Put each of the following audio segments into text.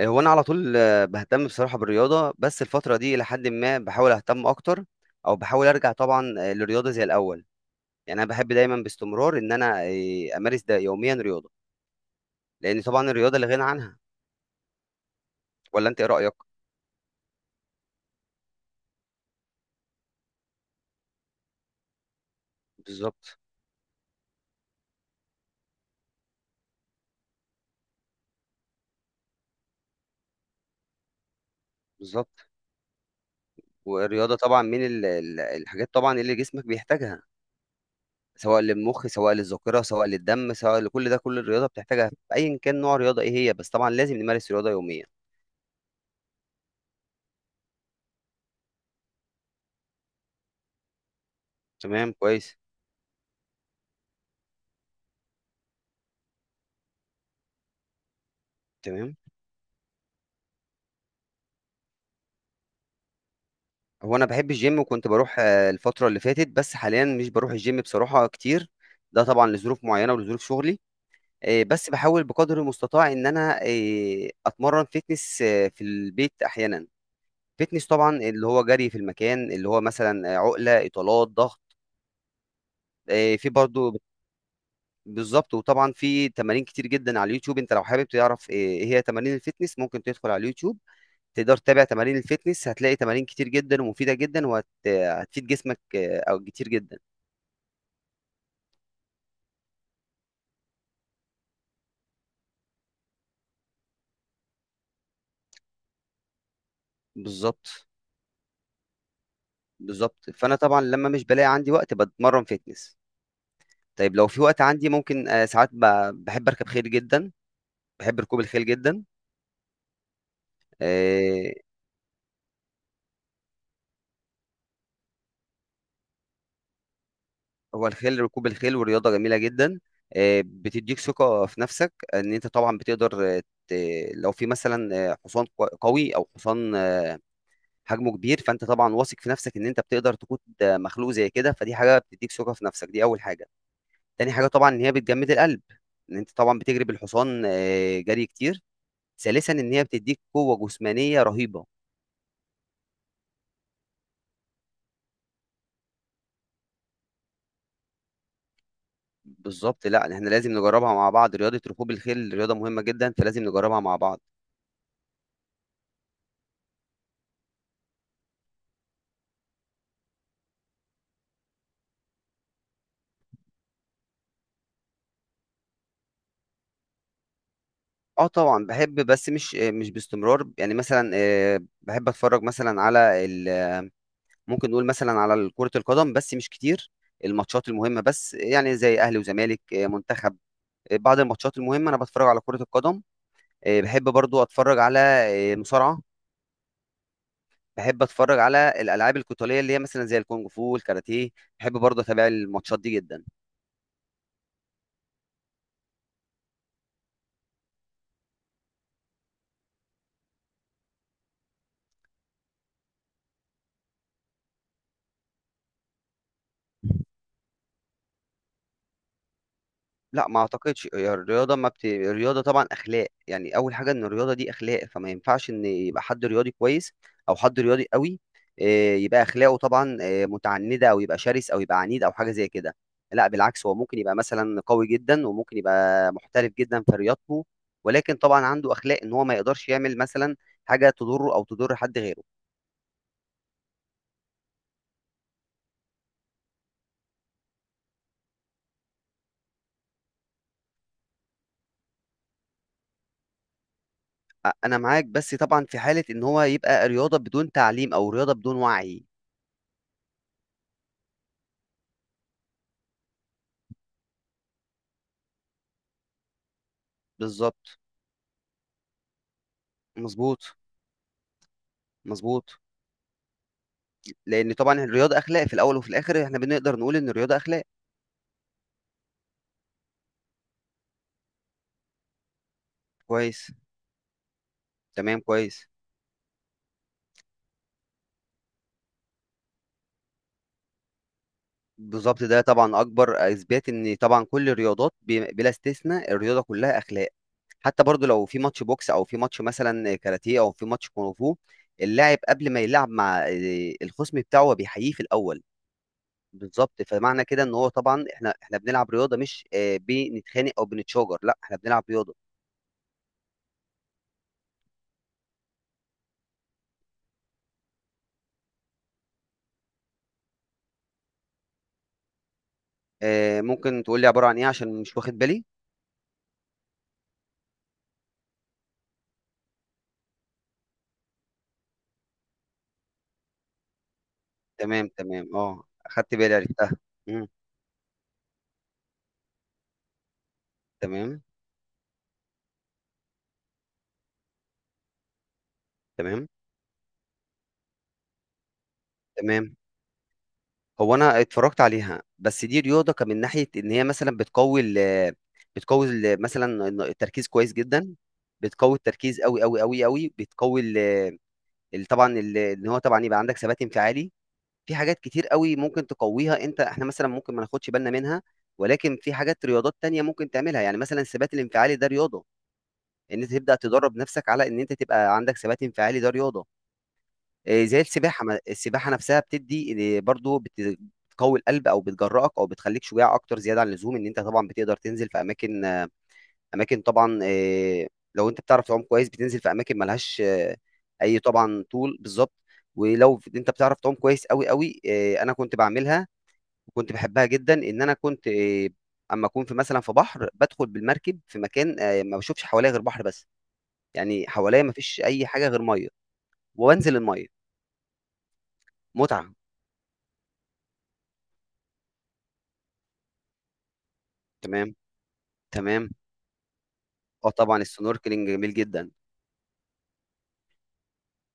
هو انا على طول، بهتم بصراحه بالرياضه، بس الفتره دي الى حد ما بحاول اهتم اكتر، او بحاول ارجع طبعا للرياضه زي الاول. يعني انا بحب دايما باستمرار ان انا امارس ده يوميا رياضه، لان طبعا الرياضه لا غنى عنها. ولا انت ايه رايك؟ بالظبط. بالظبط. والرياضه طبعا من الحاجات طبعا اللي جسمك بيحتاجها، سواء للمخ، سواء للذاكره، سواء للدم، سواء لكل ده. كل الرياضه بتحتاجها ايا كان نوع الرياضه ايه هي، بس طبعا لازم نمارس رياضه يوميا. تمام، كويس. تمام. هو انا بحب الجيم، وكنت بروح الفتره اللي فاتت، بس حاليا مش بروح الجيم بصراحه كتير. ده طبعا لظروف معينه ولظروف شغلي. بس بحاول بقدر المستطاع ان انا اتمرن فيتنس في البيت احيانا. فيتنس طبعا اللي هو جري في المكان، اللي هو مثلا عقله، اطالات، ضغط. في برضو. بالظبط. وطبعا في تمارين كتير جدا على اليوتيوب. انت لو حابب تعرف ايه هي تمارين الفيتنس، ممكن تدخل على اليوتيوب، تقدر تتابع تمارين الفيتنس، هتلاقي تمارين كتير جدا ومفيدة جدا، وهتفيد جسمك او كتير جدا. بالظبط. بالظبط. فانا طبعا لما مش بلاقي عندي وقت بتمرن فيتنس. طيب لو في وقت عندي، ممكن ساعات بحب اركب خيل جدا، بحب ركوب الخيل جدا. آه، هو الخيل، ركوب الخيل، ورياضه جميله جدا. بتديك ثقه في نفسك، ان انت طبعا بتقدر لو في مثلا حصان قوي، او حصان حجمه كبير، فانت طبعا واثق في نفسك ان انت بتقدر تقود مخلوق زي كده، فدي حاجه بتديك ثقه في نفسك، دي اول حاجه. تاني حاجه طبعا ان هي بتجمد القلب، ان انت طبعا بتجري بالحصان جري كتير. ثالثا ان هي بتديك قوه جسمانيه رهيبه. بالظبط. لا احنا لازم نجربها مع بعض، رياضه ركوب الخيل رياضه مهمه جدا، فلازم نجربها مع بعض. اه طبعا بحب، بس مش مش باستمرار. يعني مثلا بحب اتفرج مثلا على ممكن نقول مثلا على كره القدم، بس مش كتير، الماتشات المهمه بس، يعني زي اهلي وزمالك، منتخب. بعد الماتشات المهمه انا بتفرج على كره القدم. بحب برضو اتفرج على مصارعه، بحب اتفرج على الالعاب القتاليه، اللي هي مثلا زي الكونغ فو والكاراتيه، بحب برضه اتابع الماتشات دي جدا. لا ما اعتقدش. هي الرياضه ما بت... الرياضه طبعا اخلاق. يعني اول حاجه ان الرياضه دي اخلاق، فما ينفعش ان يبقى حد رياضي كويس او حد رياضي قوي يبقى اخلاقه طبعا متعنده، او يبقى شرس، او يبقى عنيد، او حاجه زي كده. لا بالعكس، هو ممكن يبقى مثلا قوي جدا، وممكن يبقى محترف جدا في رياضته، ولكن طبعا عنده اخلاق، ان هو ما يقدرش يعمل مثلا حاجه تضره او تضر حد غيره. انا معاك، بس طبعا في حالة ان هو يبقى رياضة بدون تعليم، او رياضة بدون وعي. بالظبط. مظبوط. مظبوط. لان طبعا الرياضة اخلاق، في الاول وفي الاخر احنا بنقدر نقول ان الرياضة اخلاق. كويس. تمام. كويس. بالظبط. ده طبعا اكبر اثبات ان طبعا كل الرياضات بلا استثناء، الرياضة كلها اخلاق. حتى برضو لو في ماتش بوكس، او في ماتش مثلا كاراتيه، او في ماتش كونغ فو، اللاعب قبل ما يلعب مع الخصم بتاعه، هو بيحييه في الاول. بالظبط، فمعنى كده ان هو طبعا، احنا بنلعب رياضه، مش بنتخانق او بنتشاجر، لا احنا بنلعب رياضه. ممكن تقول لي عباره عن ايه؟ عشان مش واخد بالي. تمام، تمام، اه اخدت بالي، عرفتها. مم. تمام. تمام. تمام. هو انا اتفرجت عليها، بس دي رياضه كان من ناحيه ان هي مثلا بتقوي ال، بتقوي ال مثلا التركيز كويس جدا. بتقوي التركيز قوي قوي قوي قوي، بتقوي طبعا ان هو طبعا يبقى عندك ثبات انفعالي. في حاجات كتير قوي ممكن تقويها انت، احنا مثلا ممكن ما ناخدش بالنا منها، ولكن في حاجات رياضات تانية ممكن تعملها، يعني مثلا الثبات الانفعالي ده رياضة، ان انت تبدأ تدرب نفسك على ان انت تبقى عندك ثبات انفعالي، ده رياضة. إيه زي السباحة، السباحة نفسها بتدي إيه برضو، بتقوي القلب، او بتجرأك، او بتخليك شجاع اكتر زيادة عن اللزوم. ان انت طبعا بتقدر تنزل في اماكن، اماكن طبعا إيه، لو انت بتعرف تعوم كويس بتنزل في اماكن ملهاش اي، طبعا، طول. بالظبط. ولو انت بتعرف تعوم كويس قوي قوي، انا كنت بعملها، وكنت بحبها جدا، ان انا كنت اما اكون في مثلا في بحر، بدخل بالمركب في مكان ما بشوفش حواليا غير بحر بس، يعني حواليا ما فيش اي حاجه غير ميه، وانزل الميه. متعه. تمام. تمام. اه طبعا السنوركلينج جميل جدا.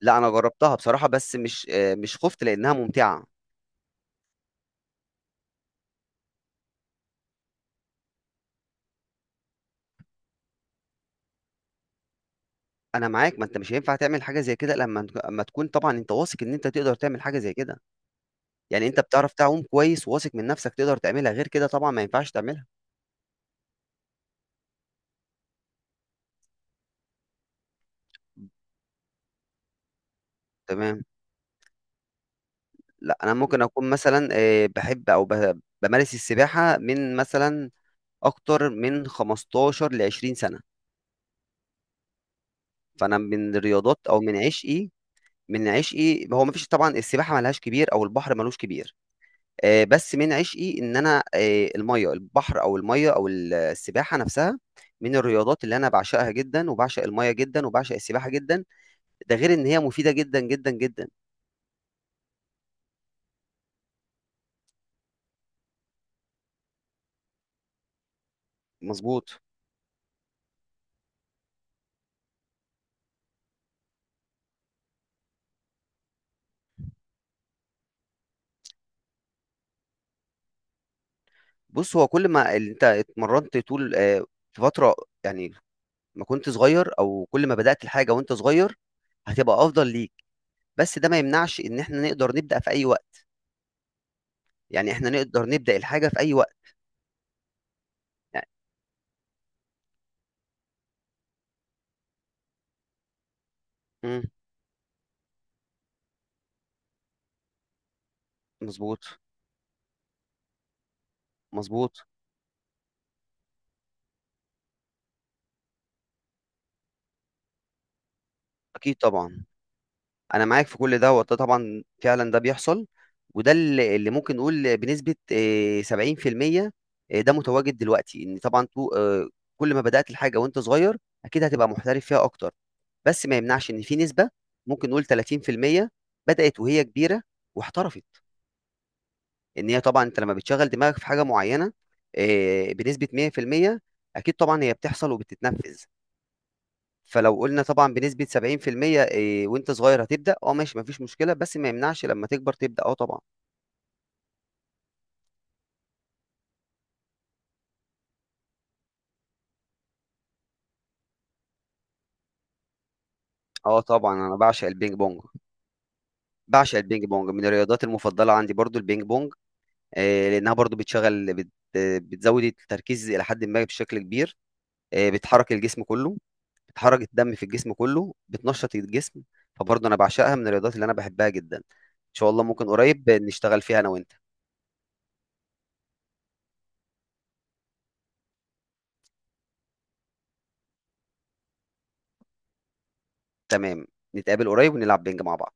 لا انا جربتها بصراحه، بس مش مش خفت لانها ممتعه. انا معاك، ما انت مش هينفع تعمل حاجه زي كده، لما اما تكون طبعا انت واثق ان انت تقدر تعمل حاجه زي كده. يعني انت بتعرف تعوم كويس، وواثق من نفسك تقدر تعملها، غير كده طبعا ما ينفعش تعملها. تمام. لا انا ممكن اكون مثلا بحب او بمارس السباحه من مثلا اكتر من 15 ل 20 سنه. فانا من الرياضات، او من عشقي، من عشقي، هو مفيش طبعا، السباحه ملهاش كبير، او البحر ملوش كبير. بس من عشقي ان انا الميه، البحر، او الميه، او السباحه نفسها من الرياضات اللي انا بعشقها جدا، وبعشق الميه جدا، وبعشق السباحه جدا. ده غير ان هي مفيده جدا جدا جدا. مظبوط. بص هو كل ما انت اتمرنت طول في فتره، يعني ما كنت صغير، او كل ما بدأت الحاجة وانت صغير، هتبقى افضل ليك، بس ده ما يمنعش ان احنا نقدر نبدأ في اي وقت، يعني احنا نقدر نبدأ الحاجة في اي وقت. يعني. مم. مظبوط. مظبوط. اكيد طبعا. انا معاك في كل ده، وده طبعا فعلا ده بيحصل، وده اللي ممكن نقول بنسبة 70% ده متواجد دلوقتي، ان طبعا تو آه، كل ما بدأت الحاجة وانت صغير، اكيد هتبقى محترف فيها اكتر، بس ما يمنعش ان في نسبة، ممكن نقول 30% بدأت وهي كبيرة واحترفت. ان هي طبعا، انت لما بتشغل دماغك في حاجه معينه بنسبه 100%، اكيد طبعا هي بتحصل وبتتنفذ. فلو قلنا طبعا بنسبه 70%، وانت صغير هتبدا، اه ماشي مفيش مشكله، بس ما يمنعش لما تكبر تبدا، اه طبعا. اه طبعا انا بعشق البينج بونج، بعشق البينج بونج، من الرياضات المفضله عندي برضو البينج بونج. لانها برضو بتشغل، بتزود التركيز الى حد ما بشكل كبير، بتحرك الجسم كله، بتحرك الدم في الجسم كله، بتنشط الجسم. فبرضه انا بعشقها من الرياضات اللي انا بحبها جدا. ان شاء الله ممكن قريب نشتغل فيها انا وانت. تمام. نتقابل قريب ونلعب بينج مع بعض.